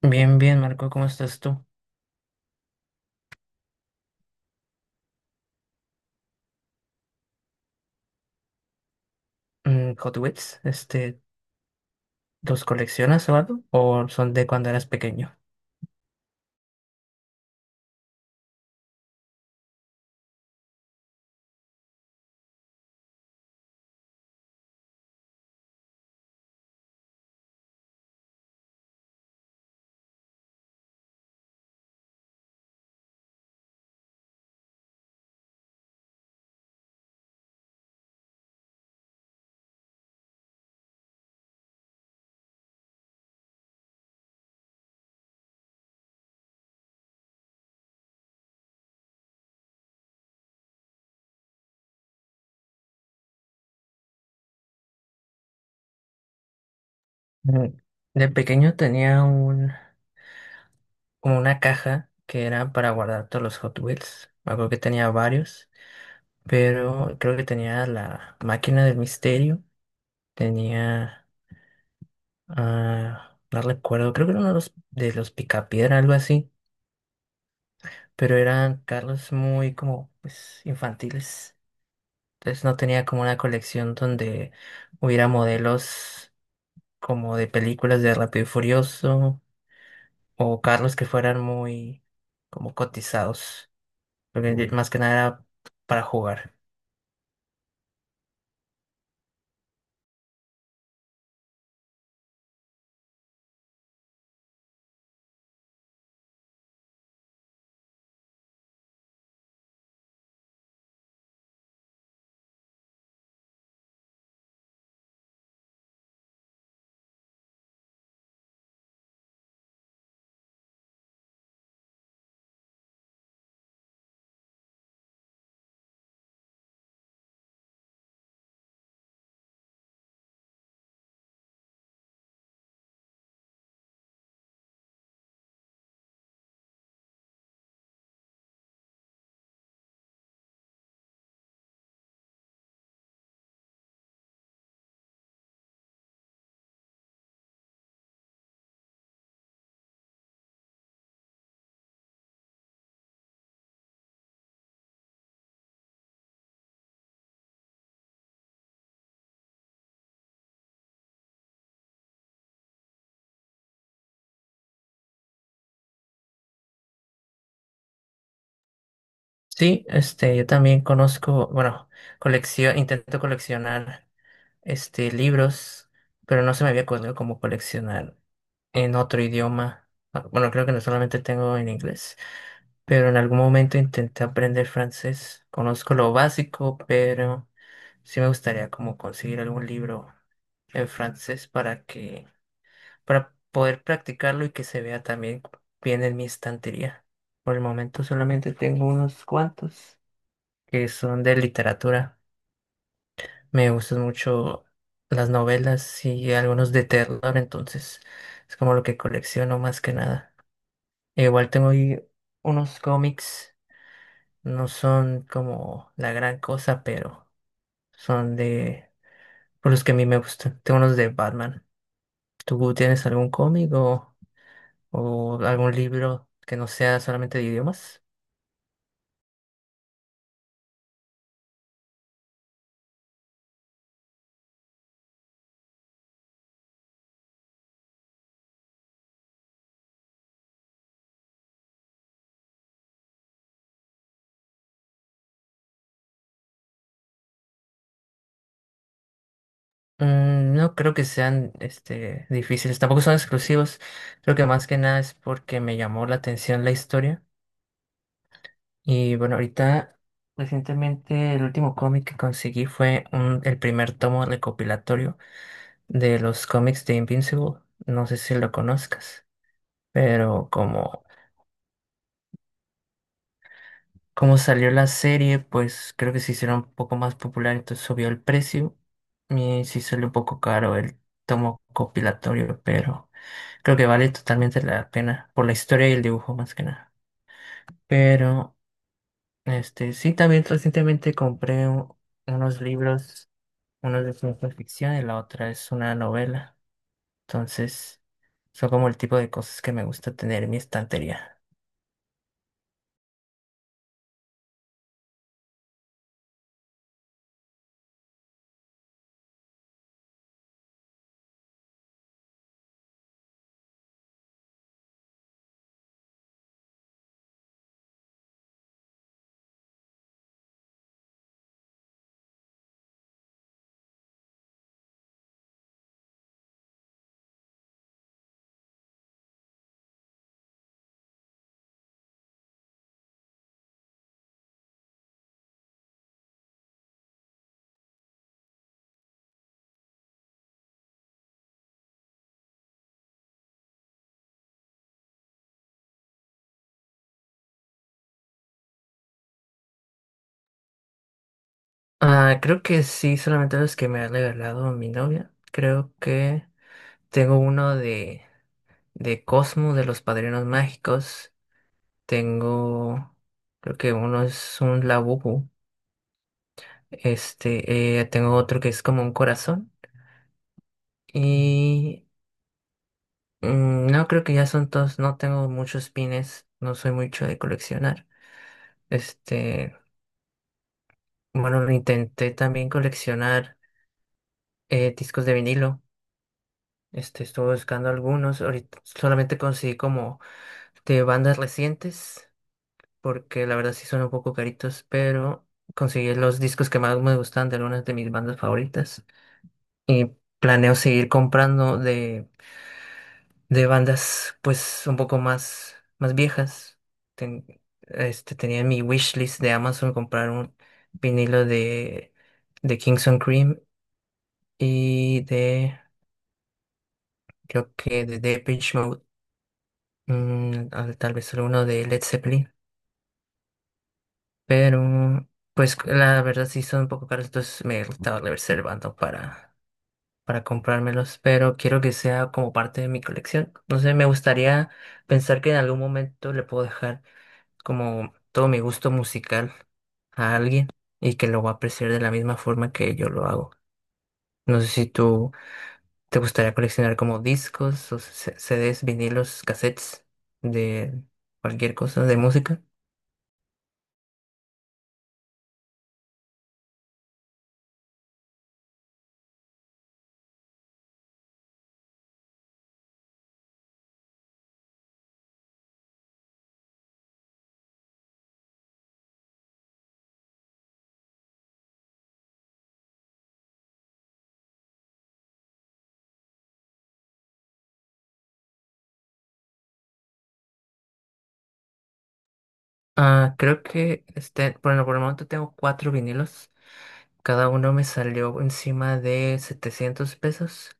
Bien, bien, Marco, ¿cómo estás tú? Hot Wheels, ¿los coleccionas o algo? ¿O son de cuando eras pequeño? Mm, De pequeño tenía como una caja que era para guardar todos los Hot Wheels. Algo que tenía varios, pero creo que tenía la máquina del misterio, tenía, no recuerdo, creo que era uno de los Picapiedra, algo así, pero eran carros muy como, pues, infantiles. Entonces no tenía como una colección donde hubiera modelos como de películas de Rápido y Furioso o carros que fueran muy como cotizados. Más que nada era para jugar. Sí, yo también conozco, bueno, colección, intento coleccionar libros, pero no se me había ocurrido como coleccionar en otro idioma. Ah, bueno, creo que no solamente tengo en inglés, pero en algún momento intenté aprender francés. Conozco lo básico, pero sí me gustaría como conseguir algún libro en para poder practicarlo y que se vea también bien en mi estantería. Por el momento solamente tengo unos cuantos que son de literatura. Me gustan mucho las novelas y algunos de terror, entonces es como lo que colecciono más que nada. Igual tengo ahí unos cómics. No son como la gran cosa, pero son de... por los que a mí me gustan. Tengo unos de Batman. ¿Tú tienes algún cómic o algún libro que no sea solamente de idiomas? Mm, no creo que sean difíciles, tampoco son exclusivos. Creo que más que nada es porque me llamó la atención la historia. Y bueno, ahorita recientemente el último cómic que conseguí el primer tomo recopilatorio de los cómics de Invincible. No sé si lo conozcas. Pero como, Como salió la serie, pues creo que se hicieron un poco más popular, entonces subió el precio. Y sí salió un poco caro el tomo compilatorio, pero creo que vale totalmente la pena por la historia y el dibujo más que nada. Pero sí también recientemente unos libros, uno de ciencia ficción y la otra es una novela. Entonces, son como el tipo de cosas que me gusta tener en mi estantería. Ah, creo que sí, solamente los que me ha regalado mi novia. Creo que tengo uno de Cosmo, de los Padrinos Mágicos. Tengo, creo que uno es un Labubu. Tengo otro que es como un corazón. Y mm, no, creo que ya son todos. No tengo muchos pines, no soy mucho de coleccionar. Este, bueno, intenté también coleccionar discos de vinilo. Estuve buscando algunos. Ahorita solamente conseguí como de bandas recientes, porque la verdad sí son un poco caritos, pero conseguí los discos que más me gustan de algunas de mis bandas favoritas. Y planeo seguir comprando de bandas pues un poco más viejas. Ten- Tenía en mi wishlist de Amazon comprar un vinilo de Kingston Cream y de, creo que de Depeche Mode. Mm, a ver, tal vez solo uno de Led Zeppelin, pero pues la verdad sí son un poco caros, entonces me estaba reservando para comprármelos, pero quiero que sea como parte de mi colección. No sé, me gustaría pensar que en algún momento le puedo dejar como todo mi gusto musical a alguien y que lo va a apreciar de la misma forma que yo lo hago. No sé si tú te gustaría coleccionar como discos o CDs, vinilos, cassettes de cualquier cosa de música. Ah, creo que bueno, por el momento tengo cuatro vinilos. Cada uno me salió encima de 700 pesos,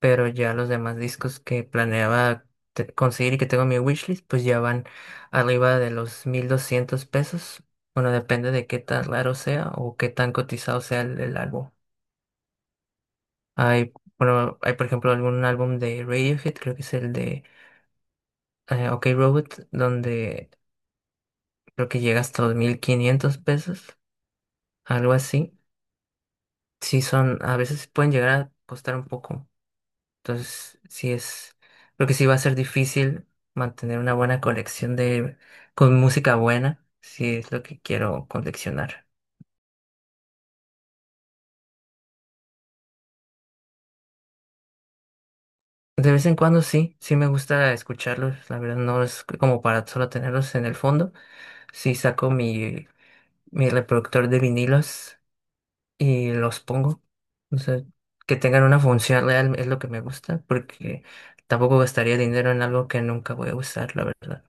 pero ya los demás discos que planeaba conseguir y que tengo en mi wishlist, pues ya van arriba de los 1200 pesos. Bueno, depende de qué tan raro sea o qué tan cotizado sea el álbum. Hay, bueno, hay por ejemplo algún álbum de Radiohead, creo que es el de OK Robot, donde creo que llega hasta los 1500 pesos, algo así. Sí son, a veces pueden llegar a costar un poco. Entonces, sí es, creo que sí va a ser difícil mantener una buena colección de, con música buena, si es lo que quiero coleccionar. De vez en cuando sí, sí me gusta escucharlos, la verdad no es como para solo tenerlos en el fondo. Sí saco mi reproductor de vinilos y los pongo. O sea, que tengan una función real es lo que me gusta, porque tampoco gastaría dinero en algo que nunca voy a usar, la verdad.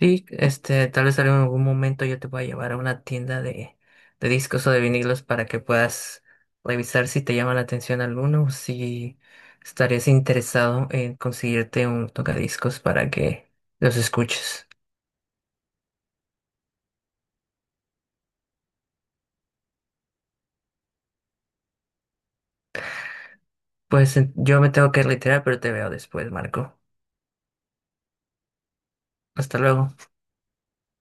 Sí, tal vez en algún momento yo te voy a llevar a una tienda de discos o de vinilos para que puedas revisar si te llama la atención alguno o si estarías interesado en conseguirte un tocadiscos para que los escuches. Pues yo me tengo que retirar, pero te veo después, Marco. Hasta luego.